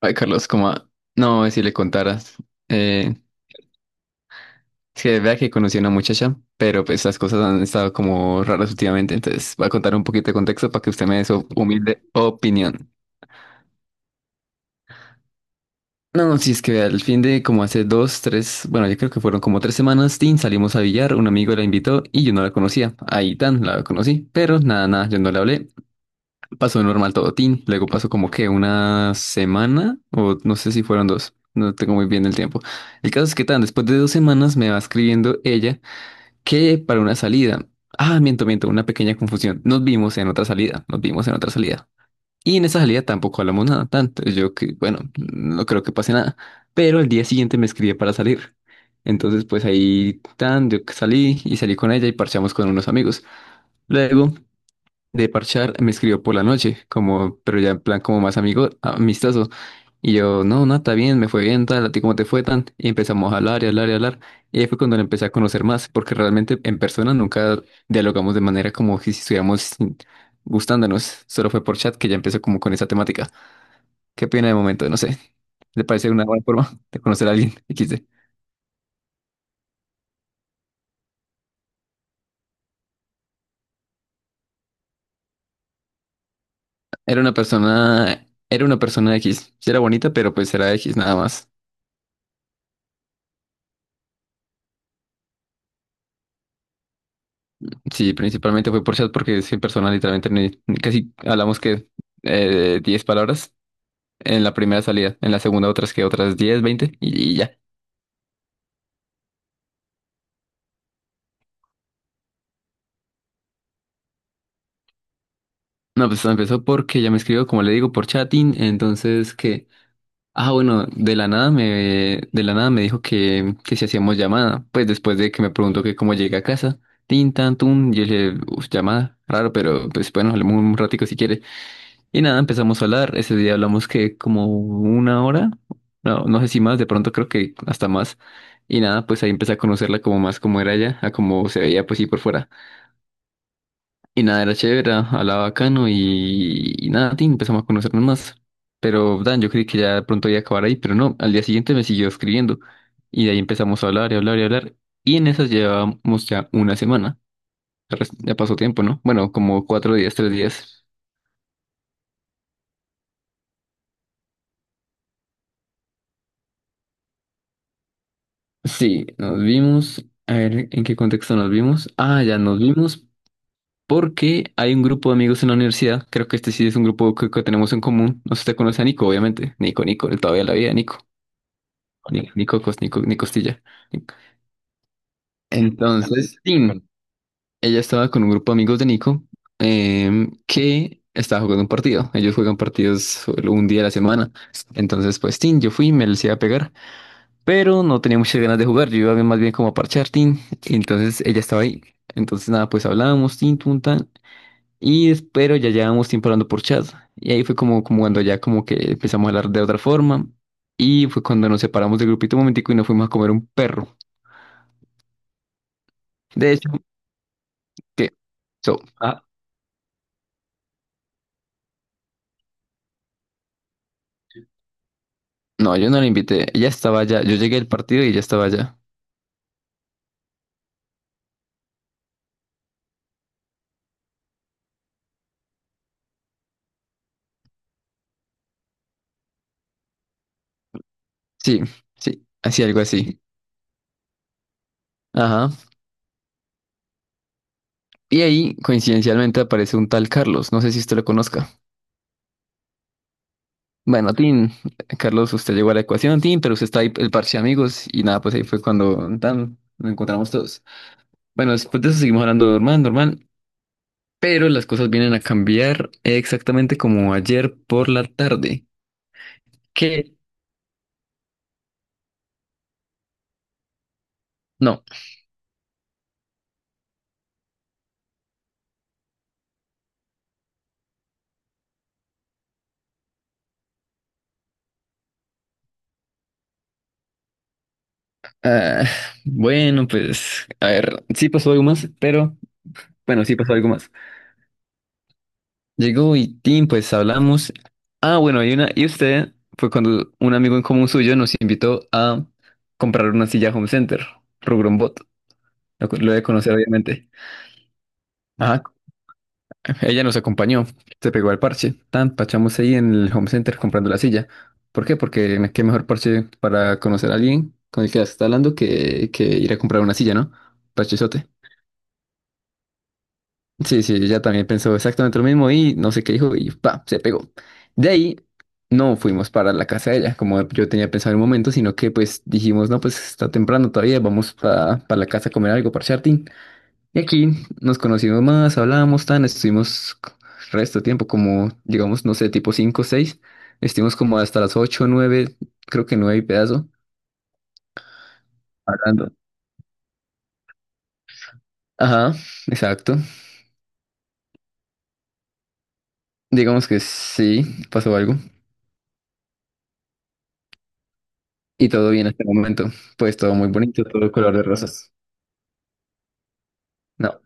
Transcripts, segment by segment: Ay, Carlos, como, no, si le contaras. Eh, es que vea que conocí a una muchacha, pero pues las cosas han estado como raras últimamente, entonces voy a contar un poquito de contexto para que usted me dé su humilde opinión. No, si es que vea, al fin de como hace dos, tres, bueno, yo creo que fueron como 3 semanas, Tin, salimos a billar, un amigo la invitó y yo no la conocía. Ahí tan, la conocí, pero nada, nada, yo no le hablé. Pasó normal todo, tin. Luego pasó como que una semana, o no sé si fueron dos, no tengo muy bien el tiempo. El caso es que tan, después de 2 semanas me va escribiendo ella que para una salida. Ah, miento, miento, una pequeña confusión. Nos vimos en otra salida, nos vimos en otra salida. Y en esa salida tampoco hablamos nada, tanto. Yo que, bueno, no creo que pase nada. Pero al día siguiente me escribía para salir. Entonces, pues ahí tan, yo salí y salí con ella y parchamos con unos amigos. Luego de parchar, me escribió por la noche, como, pero ya en plan como más amigo, amistoso. Y yo, no, no, está bien, me fue bien, tal, a ti cómo te fue tan. Y empezamos a hablar y hablar y hablar. Y ahí fue cuando la empecé a conocer más, porque realmente en persona nunca dialogamos de manera como que si estuviéramos gustándonos. Solo fue por chat que ya empezó como con esa temática. ¿Qué pena de momento? No sé. ¿Le parece una buena forma de conocer a alguien? XD. Era una persona X. Sí era bonita, pero pues era X nada más. Sí, principalmente fue por chat porque 100 personas literalmente casi hablamos que 10 palabras en la primera salida, en la segunda otras que otras 10, 20 y ya. No, pues empezó porque ya me escribió, como le digo, por chatting, entonces que, ah, bueno, de la nada me dijo que si hacíamos llamada, pues después de que me preguntó que cómo llegué a casa, tin, tan, tun, y yo le dije, "Uf, llamada, raro, pero pues bueno, hablemos un ratico si quiere". Y nada, empezamos a hablar. Ese día hablamos que como una hora, no, no sé si más, de pronto creo que hasta más. Y nada, pues ahí empecé a conocerla como más como era ella, a cómo se veía pues sí por fuera. Y nada, era chévere, hablaba bacano y nada, tin, empezamos a conocernos más. Pero Dan, yo creí que ya de pronto iba a acabar ahí, pero no, al día siguiente me siguió escribiendo. Y de ahí empezamos a hablar y hablar y hablar. Y en esas llevábamos ya una semana. Ya pasó tiempo, ¿no? Bueno, como 4 días, 3 días. Sí, nos vimos. A ver, ¿en qué contexto nos vimos? Ah, ya nos vimos porque hay un grupo de amigos en la universidad. Creo que este sí es un grupo que tenemos en común. No sé si te conoce a Nico, obviamente. Nico, Nico, él todavía la vida, Nico. Ni, Nico, Nico, Nico Costilla. Entonces, sí, bueno, ella estaba con un grupo de amigos de Nico, que estaba jugando un partido. Ellos juegan partidos solo un día a la semana. Entonces, pues, sí, yo fui y me les iba a pegar. Pero no tenía muchas ganas de jugar, yo iba más bien como a parchar, tin. Y entonces ella estaba ahí. Entonces nada, pues hablábamos, tin, tun, tan. Y pero ya llevábamos tiempo hablando por chat. Y ahí fue como, como cuando ya como que empezamos a hablar de otra forma. Y fue cuando nos separamos del grupito un momentico y nos fuimos a comer un perro. De hecho, que. So, ah, no, yo no la invité. Ella estaba allá. Yo llegué al partido y ella estaba allá. Sí, sí, así algo así. Ajá. Y ahí, coincidencialmente, aparece un tal Carlos. No sé si usted lo conozca. Bueno, Tin, Carlos, usted llegó a la ecuación, Tin, pero usted está ahí, el parche de amigos, y nada, pues ahí fue cuando tan, nos encontramos todos. Bueno, después de eso seguimos hablando normal, normal, pero las cosas vienen a cambiar exactamente como ayer por la tarde. ¿Qué? No. Ah, bueno, pues, a ver, sí pasó algo más, pero, bueno, sí pasó algo más. Llegó y Tim, pues hablamos. Ah, bueno, y usted fue cuando un amigo en común suyo nos invitó a comprar una silla Home Center, Rugrombot. Lo debe conocer, obviamente. Ajá, ella nos acompañó, se pegó al parche. Tan, pachamos ahí en el home center comprando la silla. ¿Por qué? Porque qué mejor parche para conocer a alguien con el que se está hablando que ir a comprar una silla, ¿no? Parchezote. Sí, sí, ella también pensó exactamente lo mismo y no sé qué dijo y pa, se pegó. De ahí no fuimos para la casa de ella, como yo tenía pensado en un momento, sino que pues dijimos, no, pues está temprano todavía, vamos para la casa a comer algo, parchar. Y aquí nos conocimos más, hablábamos tan, estuvimos resto de tiempo, como digamos, no sé, tipo 5 o seis, estuvimos como hasta las ocho o 9, creo que 9 y pedazo, hablando. Ajá, exacto. Digamos que sí, pasó algo. Y todo bien hasta el momento. Pues todo muy bonito, todo color de rosas. No,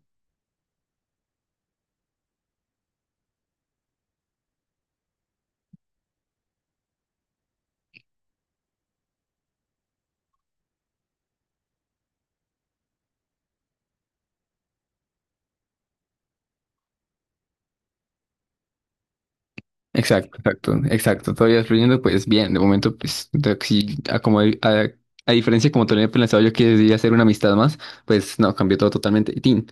exacto, exacto, exacto. Todavía fluyendo, pues bien, de momento, pues, sí, como, a diferencia como tenía pensado yo que debía hacer una amistad más, pues no, cambió todo totalmente. Y tin,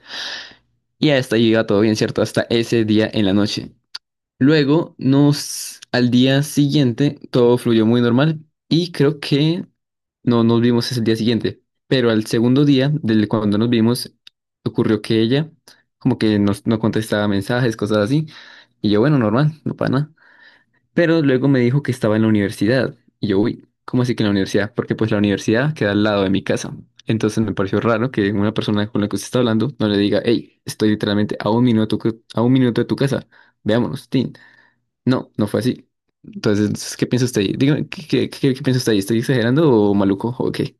y hasta ahí iba todo bien, ¿cierto? Hasta ese día en la noche. Luego, al día siguiente, todo fluyó muy normal y creo que no nos vimos ese día siguiente. Pero al segundo día, del cuando nos vimos, ocurrió que ella como que no contestaba mensajes, cosas así. Y yo, bueno, normal, no para nada. Pero luego me dijo que estaba en la universidad. Y yo, uy, ¿cómo así que en la universidad? Porque pues la universidad queda al lado de mi casa. Entonces me pareció raro que una persona con la que usted está hablando no le diga, hey, estoy literalmente a un minuto, a un minuto de tu casa. Veámonos, Tin. No, no fue así. Entonces, ¿qué piensa usted ahí? Dígame, ¿qué piensa usted ahí? ¿Estoy exagerando o maluco? ¿O qué?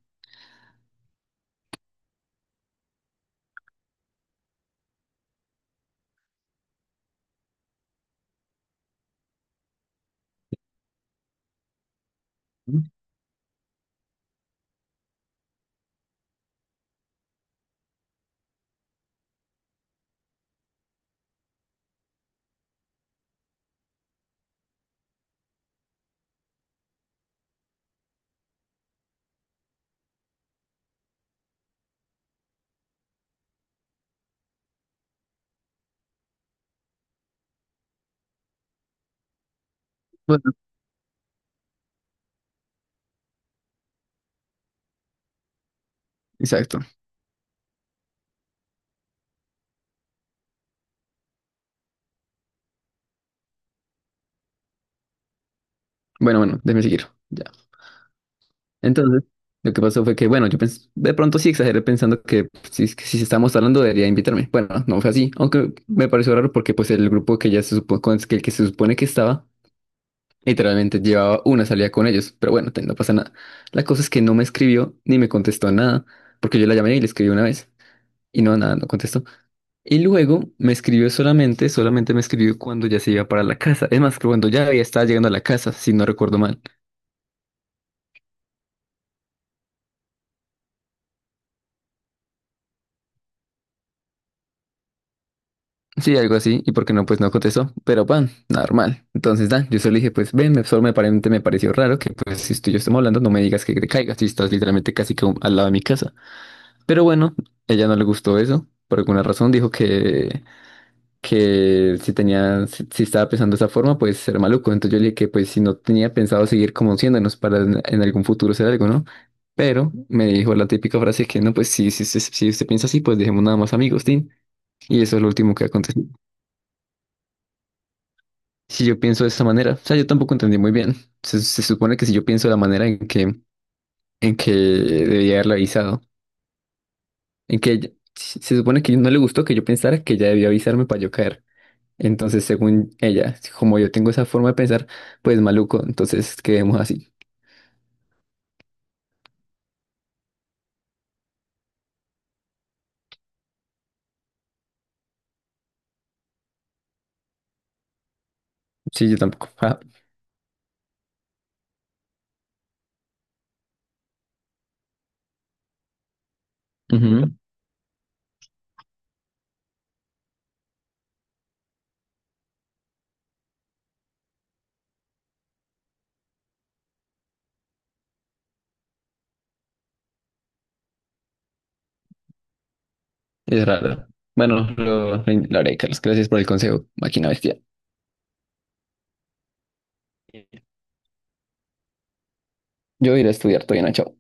Bueno, exacto. Bueno, bueno, déjeme seguir. Entonces, lo que pasó fue que, bueno, yo de pronto sí exageré pensando que pues, si, que si estamos hablando debería invitarme. Bueno, no fue así, aunque me pareció raro porque pues el grupo que ya se con el que se supone que estaba, literalmente llevaba una salida con ellos, pero bueno, no pasa nada. La cosa es que no me escribió ni me contestó nada, porque yo la llamé y le escribí una vez y no, nada, no contestó. Y luego me escribió solamente, solamente me escribió cuando ya se iba para la casa. Es más, cuando ya había estaba llegando a la casa, si no recuerdo mal. Sí, algo así, y porque no, pues no contestó, pero pan, normal. Entonces, da, yo solo dije, pues ven, solo me pareció raro que, pues, si tú y yo estamos hablando, no me digas que te caigas, si estás literalmente casi que al lado de mi casa. Pero bueno, ella no le gustó eso, por alguna razón dijo que si tenía, si, si estaba pensando de esa forma, pues era maluco. Entonces yo le dije que, pues, si no tenía pensado seguir conociéndonos para en algún futuro ser algo, ¿no? Pero me dijo la típica frase que, no, pues, si usted piensa así, pues dejemos nada más amigos, Tim. Y eso es lo último que aconteció. Si yo pienso de esa manera. O sea, yo tampoco entendí muy bien. Se supone que si yo pienso de la manera en que debía haberle avisado, en que ella- se se supone que no le gustó que yo pensara que ella debía avisarme para yo caer. Entonces, según ella, como yo tengo esa forma de pensar, pues maluco, entonces quedemos así. Sí, yo tampoco. Ah, ujú, es raro. Bueno, lo haré, Carlos. Gracias por el consejo, máquina bestia. Yo iré a estudiar, todavía no, chao.